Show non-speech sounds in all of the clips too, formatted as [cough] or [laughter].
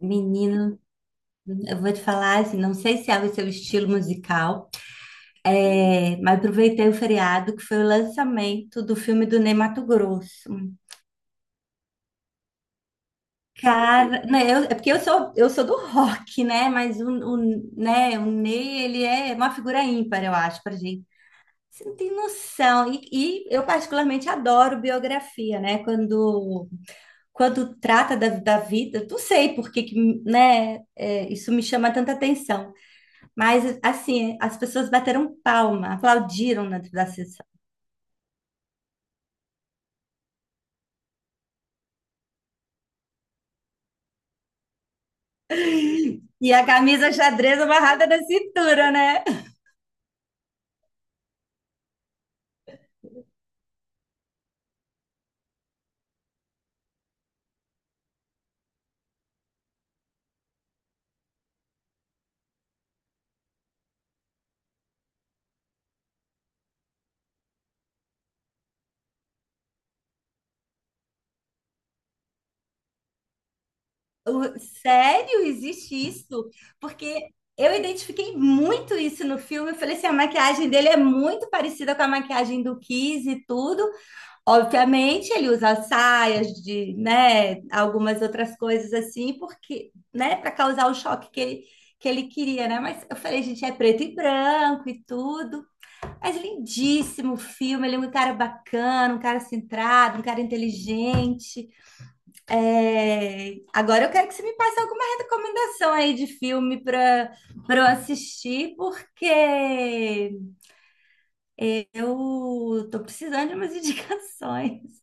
Menino, eu vou te falar assim, não sei se é o seu estilo musical, mas aproveitei o feriado que foi o lançamento do filme do Ney Matogrosso. Cara, né, é porque eu sou do rock, né? Mas né, o Ney ele é uma figura ímpar, eu acho, pra gente. Você não tem noção. E eu particularmente adoro biografia, né? Quando trata da vida, não sei por que, que, né, isso me chama tanta atenção. Mas, assim, as pessoas bateram palma, aplaudiram na da sessão. E a camisa xadrez amarrada na cintura, né? Sério, existe isso? Porque eu identifiquei muito isso no filme. Eu falei assim, a maquiagem dele é muito parecida com a maquiagem do Kiss e tudo. Obviamente, ele usa saias de, né, algumas outras coisas assim, porque, né, para causar o choque que ele queria, né? Mas eu falei, gente, é preto e branco e tudo. Mas lindíssimo o filme, ele é um cara bacana, um cara centrado, um cara inteligente. Agora eu quero que você me passe alguma recomendação aí de filme para eu assistir, porque eu tô precisando de umas [laughs] indicações.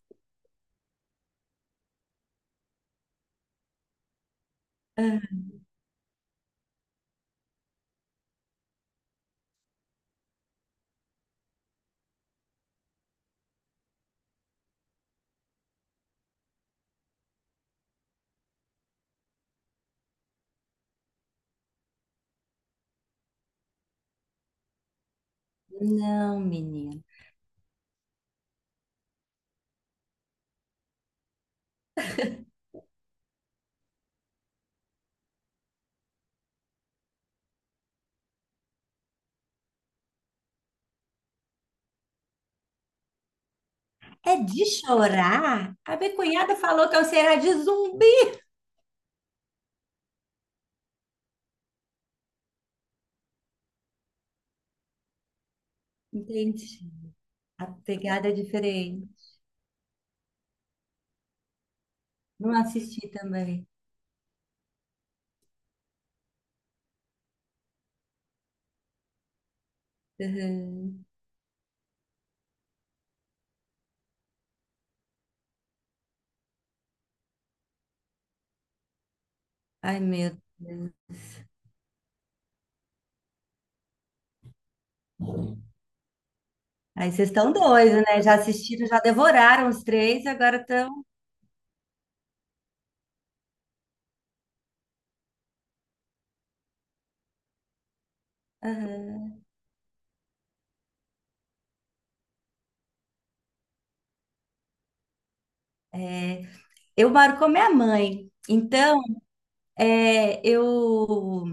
Não, menina. É de chorar? A minha cunhada falou que é o Será de zumbi. Entendi. A pegada é diferente. Não assisti também. Uhum. Ai, meu Deus. Aí vocês estão doidos, né? Já assistiram, já devoraram os três, agora estão. Eu moro com a minha mãe. Então, é, eu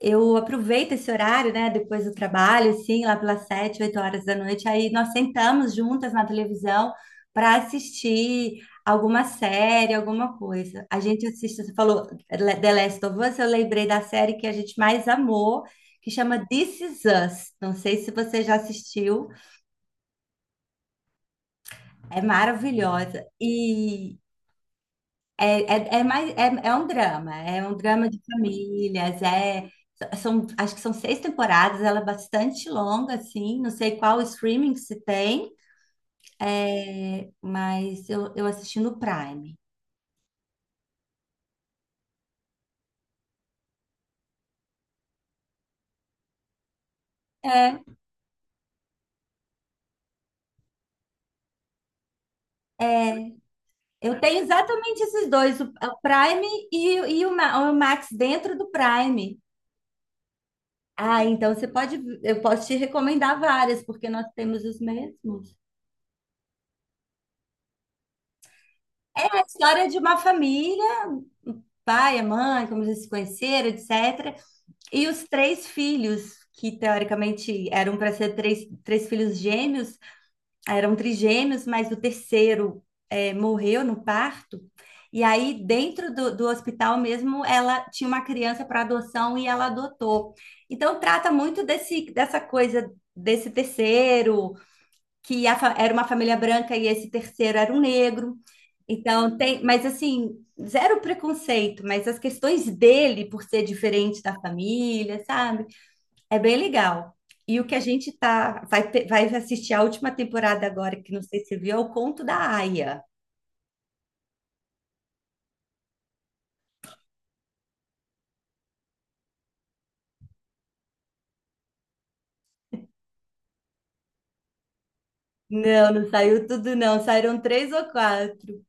eu aproveito esse horário, né? Depois do trabalho, assim, lá pelas sete, oito horas da noite. Aí nós sentamos juntas na televisão para assistir alguma série, alguma coisa. A gente assiste, você falou The Last of Us, eu lembrei da série que a gente mais amou, que chama This Is Us. Não sei se você já assistiu. É maravilhosa. E é um drama de famílias, são, acho que são seis temporadas, ela é bastante longa, assim, não sei qual streaming que se tem, mas eu assisti no Prime. É, é, eu tenho exatamente esses dois, o Prime e, Ma- o Max dentro do Prime. Ah, então você pode, eu posso te recomendar várias, porque nós temos os mesmos. É a história de uma família, o pai, a mãe, como eles se conheceram, etc. E os três filhos, que teoricamente eram para ser três filhos gêmeos, eram trigêmeos, mas o terceiro morreu no parto. E aí, dentro do hospital mesmo, ela tinha uma criança para adoção e ela adotou. Então, trata muito dessa coisa desse terceiro, que a era uma família branca e esse terceiro era um negro. Então tem, mas assim, zero preconceito, mas as questões dele por ser diferente da família, sabe? É bem legal. E o que a gente vai assistir a última temporada agora, que não sei se viu, é o Conto da Aia. Não, não saiu tudo não, saíram três ou quatro.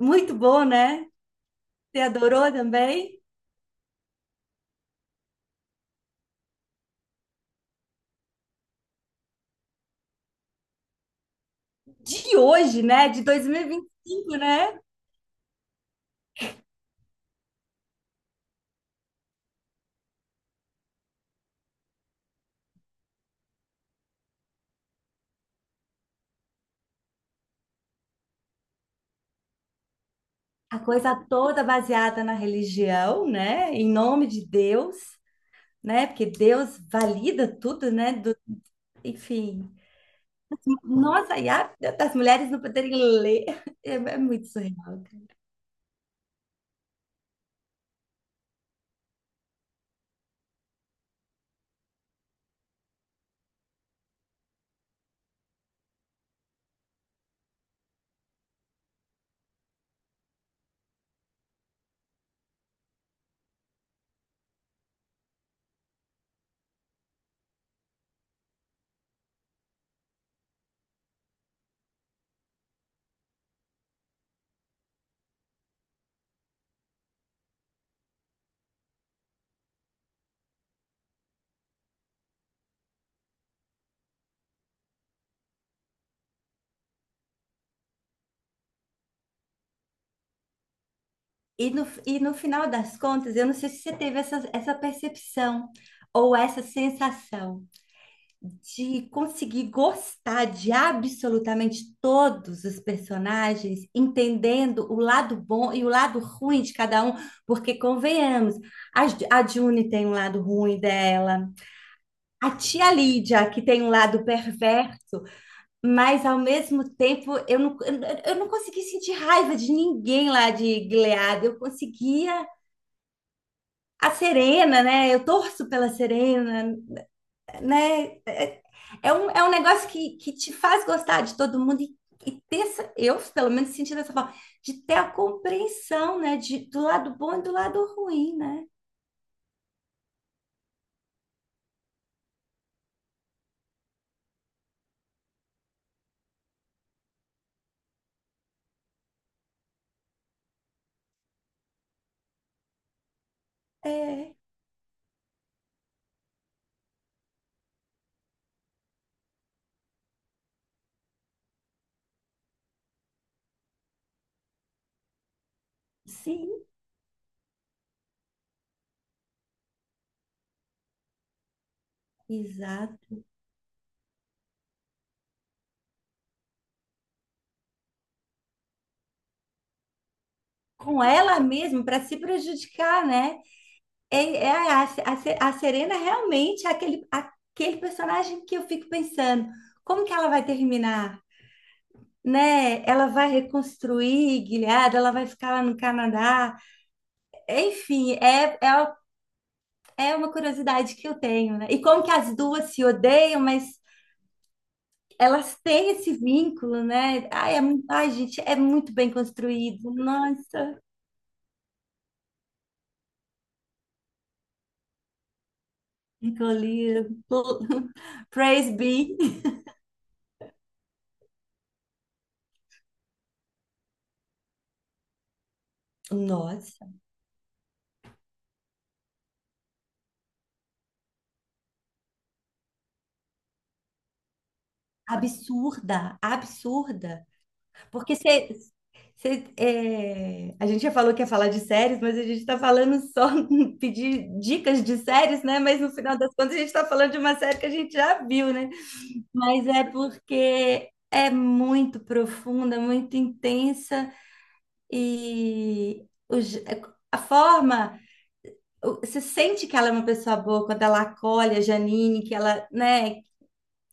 Muito bom, né? Você adorou também? De hoje, né? De 2025, né? A coisa toda baseada na religião, né? Em nome de Deus, né? Porque Deus valida tudo, né? Enfim. Nossa, das mulheres não poderem ler [laughs] é, é muito surreal, cara. E no final das contas, eu não sei se você teve essa percepção ou essa sensação, de conseguir gostar de absolutamente todos os personagens, entendendo o lado bom e o lado ruim de cada um, porque convenhamos, a June tem um lado ruim dela, a tia Lídia, que tem um lado perverso, mas ao mesmo tempo eu não consegui sentir raiva de ninguém lá de Gilead, eu conseguia. A Serena, né? Eu torço pela Serena, né? É um negócio que te faz gostar de todo mundo e ter, eu pelo menos senti dessa forma, de ter a compreensão, né, de, do lado bom e do lado ruim, né? É, sim, exato. Com ela mesma, para se prejudicar, né? É, é a, Se- a Serena realmente é aquele, aquele personagem que eu fico pensando, como que ela vai terminar? Né? Ela vai reconstruir Gilead, ela vai ficar lá no Canadá. Enfim, é uma curiosidade que eu tenho, né? E como que as duas se odeiam, mas elas têm esse vínculo, né? Ai, gente, é muito bem construído. Nossa, Nicolina. [laughs] Praise be. Nossa, absurda, absurda. Porque você, você, é, a gente já falou que ia falar de séries, mas a gente está falando só [laughs] pedir dicas de séries, né? Mas no final das contas a gente está falando de uma série que a gente já viu, né? Mas é porque é muito profunda, muito intensa e o je- a forma, você sente que ela é uma pessoa boa quando ela acolhe a Janine, que ela, né,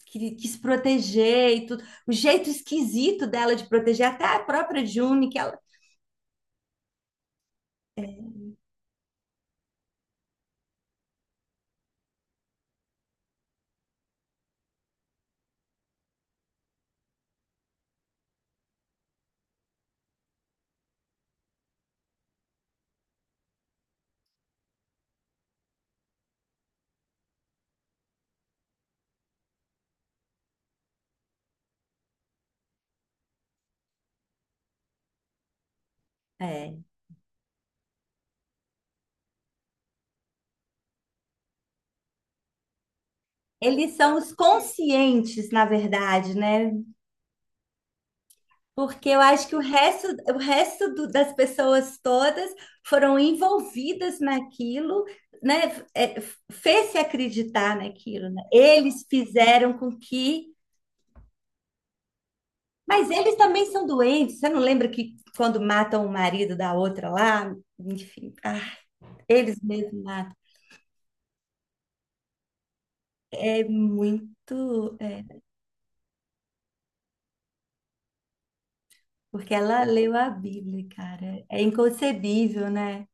que quis proteger e tudo. O jeito esquisito dela de proteger, até a própria June, que ela, é, eles são os conscientes, na verdade, né? Porque eu acho que o resto das pessoas todas foram envolvidas naquilo, né? É, fez-se acreditar naquilo, né? Eles fizeram com que. Mas eles também são doentes. Você não lembra que quando matam o marido da outra lá? Enfim, ah, eles mesmos matam. É muito, é, porque ela leu a Bíblia, cara. É inconcebível, né?